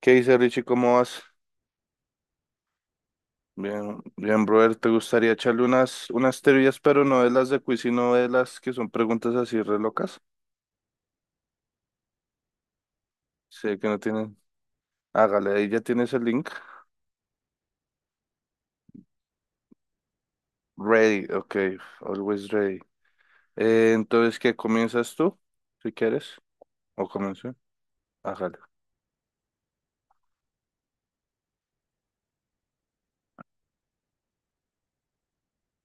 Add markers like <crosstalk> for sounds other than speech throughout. ¿Qué dice Richie? ¿Cómo vas? Bien, bien, brother. ¿Te gustaría echarle unas teorías, pero no de las de quiz, sino de las que son preguntas así re locas? Sé que no tienen. Hágale, ahí ya tienes el link. Ready, ok, always ready. Entonces, ¿qué comienzas tú? Si quieres, o comienzo. Hágale.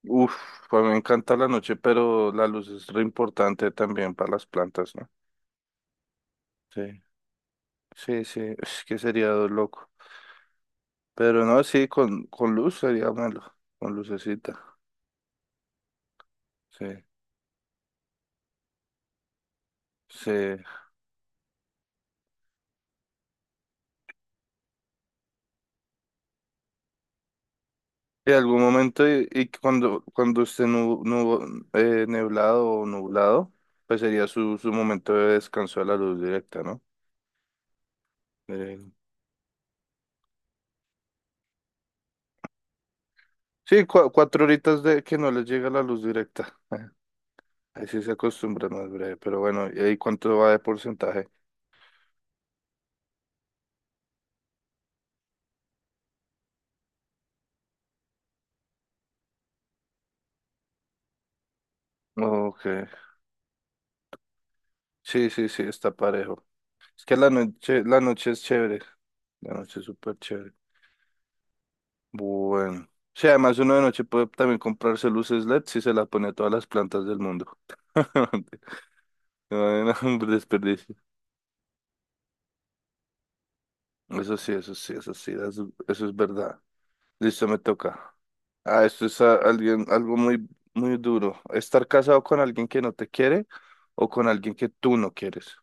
Uf, a mí me encanta la noche, pero la luz es re importante también para las plantas, ¿no? Sí, sí, sí, es que sería loco. Pero no, sí, con luz sería malo, con lucecita. Sí, sí. Y algún momento y cuando esté neblado o nublado, pues sería su momento de descanso de la luz directa, ¿no? Eh, sí, cuatro horitas de que no les llega la luz directa. Ahí sí se acostumbra más breve, pero bueno, ¿y ahí cuánto va de porcentaje? Ok, sí, sí, sí, está parejo. Es que la noche es chévere, la noche es súper chévere. Bueno. Sí, además uno de noche puede también comprarse luces LED si se las pone a todas las plantas del mundo. <laughs> No hay ningún <laughs> desperdicio. Eso sí, eso sí, eso sí, eso es verdad. Listo, me toca. Ah, esto es alguien, algo muy, muy duro. Estar casado con alguien que no te quiere o con alguien que tú no quieres.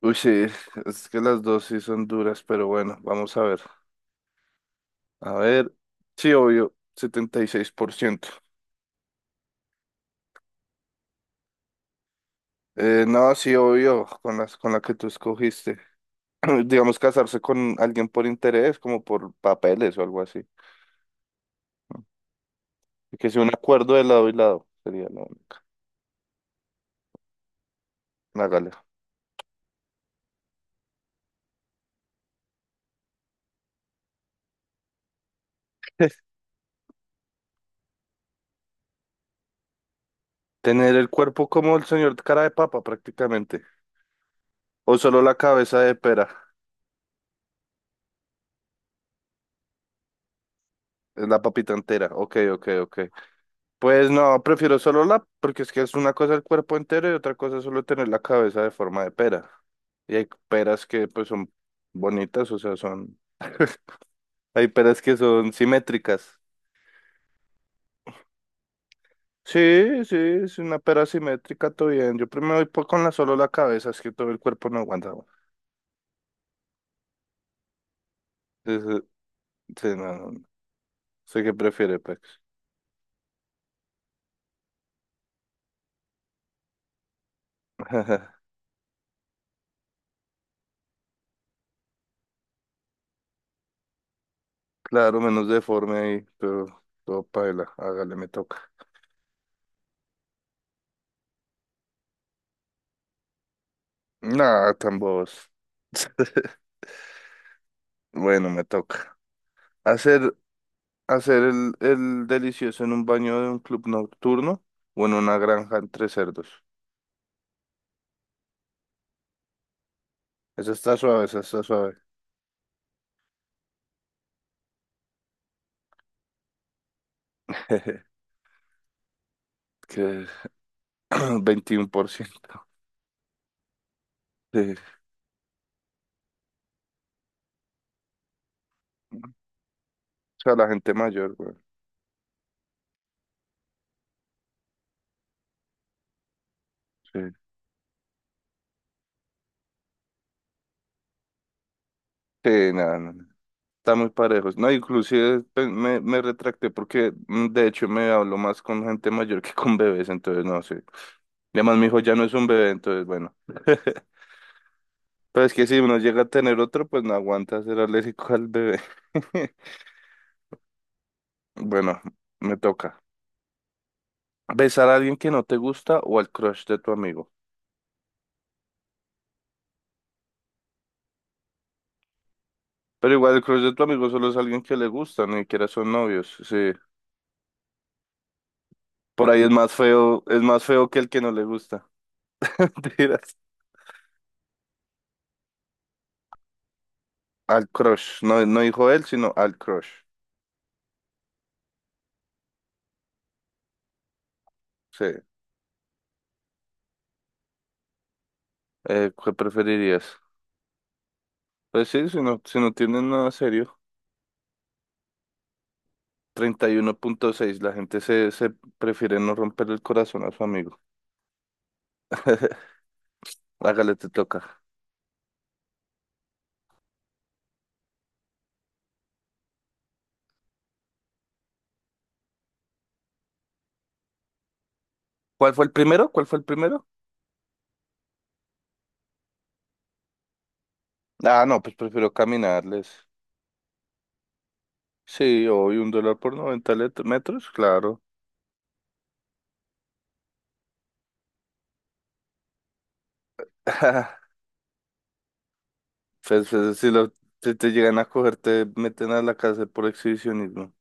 Uy, sí, <laughs> es que las dos sí son duras, pero bueno, vamos a ver. A ver, sí, obvio, 76%. No, sí, obvio, con las, con la que tú escogiste. <clears throat> digamos, casarse con alguien por interés, como por papeles o algo así. Y que sea un acuerdo de lado y lado, sería lo hágale. <laughs> Tener el cuerpo como el señor cara de papa, prácticamente. O solo la cabeza de pera, la papita entera. Ok, ok, ok. Pues no, prefiero solo la, porque es que es una cosa el cuerpo entero y otra cosa es solo tener la cabeza de forma de pera. Y hay peras que pues son bonitas, o sea, son... Hay peras que son simétricas. Sí, sí, es una pera simétrica, todo bien. Yo primero voy con la solo la cabeza, es que todo el cuerpo no aguanta, güey. Sí, sí, sí, no, no, no. Sé que prefiere, Pex. <laughs> Claro, menos deforme ahí, pero todo paila. Hágale, me toca. Nah, tan bobos. <laughs> Bueno, me toca. Hacer, hacer el delicioso en un baño de un club nocturno o en una granja entre cerdos. Esa está suave, esa está suave. <laughs> Que <clears throat> 21%. Sí. Sea, la gente mayor, güey. Sí. Sí, nada, no, no, está muy parejos. No, inclusive me, me retracté porque de hecho me hablo más con gente mayor que con bebés, entonces no sé. Y además mi hijo ya no es un bebé, entonces bueno. Pero es que si uno llega a tener otro, pues no aguanta ser alérgico al bebé. <laughs> Bueno, me toca. ¿Besar a alguien que no te gusta o al crush de tu amigo? Pero igual el crush de tu amigo solo es alguien que le gusta, ni siquiera son novios. Sí. Por ahí es más feo que el que no le gusta. <laughs> Mentiras. Al crush, no, no dijo él, sino al crush. Sí. ¿Qué preferirías? Pues sí, si no, si no tienen nada serio. 31.6, la gente se, se prefiere no romper el corazón a su amigo. <laughs> Hágale, te toca. ¿Cuál fue el primero? ¿Cuál fue el primero? Ah, no, pues prefiero caminarles. Sí, hoy un dólar por 90 metros, claro. <laughs> Pues, si, lo, si te llegan a coger, te meten a la cárcel por exhibicionismo.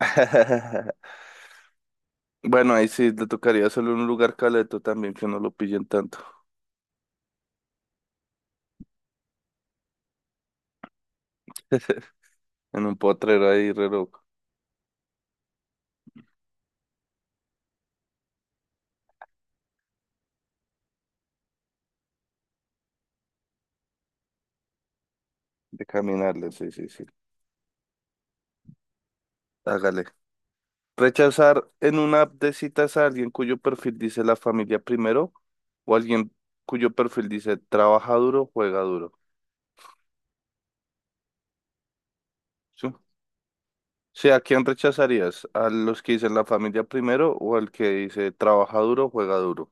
<laughs> Bueno, ahí sí le tocaría solo un lugar caleto también que no lo pillen tanto. <laughs> En un potrero ahí, re loco, de caminarle, sí, sí, sí. Hágale. Rechazar en una app de citas a alguien cuyo perfil dice la familia primero o alguien cuyo perfil dice trabaja duro, juega duro. ¿Sí? Sí, ¿a quién rechazarías? ¿A los que dicen la familia primero o al que dice trabaja duro, juega duro?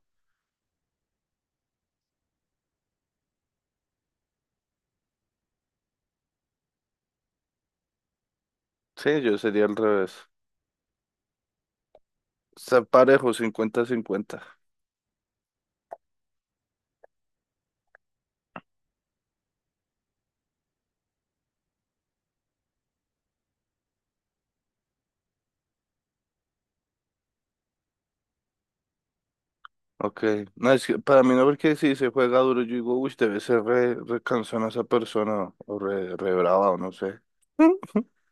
Sí, yo sería al revés. Está parejo, 50-50. Ok, no, es que para mí no, porque si se juega duro, yo digo, uy, debe ser re cansona esa persona, o re brava, o no sé. <laughs>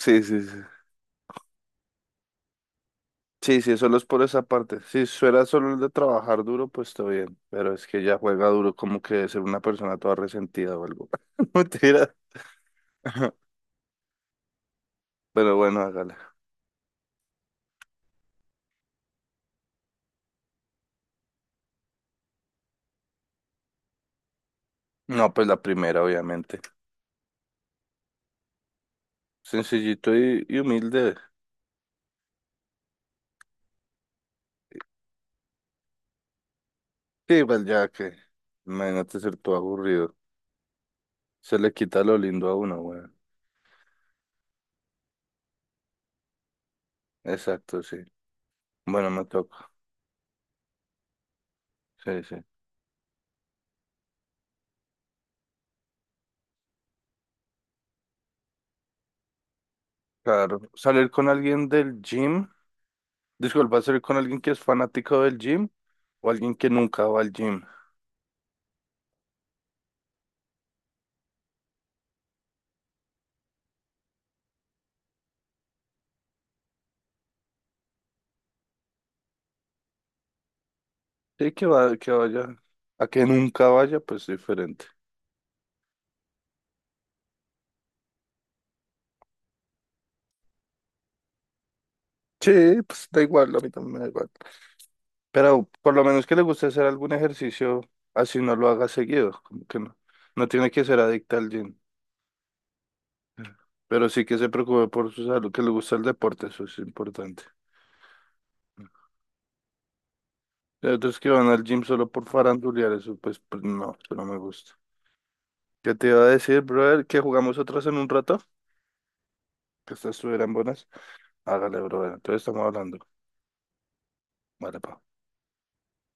Sí, sí, sí. Sí, sí, solo es por esa parte. Si fuera solo el de trabajar duro, pues está bien. Pero es que ya juega duro, como que debe ser una persona toda resentida o algo. <laughs> Mentira. <laughs> Pero bueno, hágale. No, pues la primera, obviamente. Sencillito y humilde. Sí, igual ya que. Imagínate ser todo aburrido. Se le quita lo lindo a uno, weón. Exacto, sí. Bueno, me toca. Sí, sí. Claro, salir con alguien del gym. Disculpa, salir con alguien que es fanático del gym o alguien que nunca va al gym. Sí, que va, que vaya. A que nunca vaya, pues diferente. Sí, pues da igual, a mí también me da igual. Pero por lo menos que le guste hacer algún ejercicio, así no lo haga seguido. Como que no, no tiene que ser adicta al gym. Pero sí que se preocupe por su salud, que le gusta el deporte, eso es importante. Hay otros que van al gym solo por farandulear, eso pues, pues no, eso no me gusta. Yo te iba a decir, brother, que jugamos otras en un rato, que estas estuvieran buenas. Hágale, brother. Entonces estamos hablando. Vale, pa.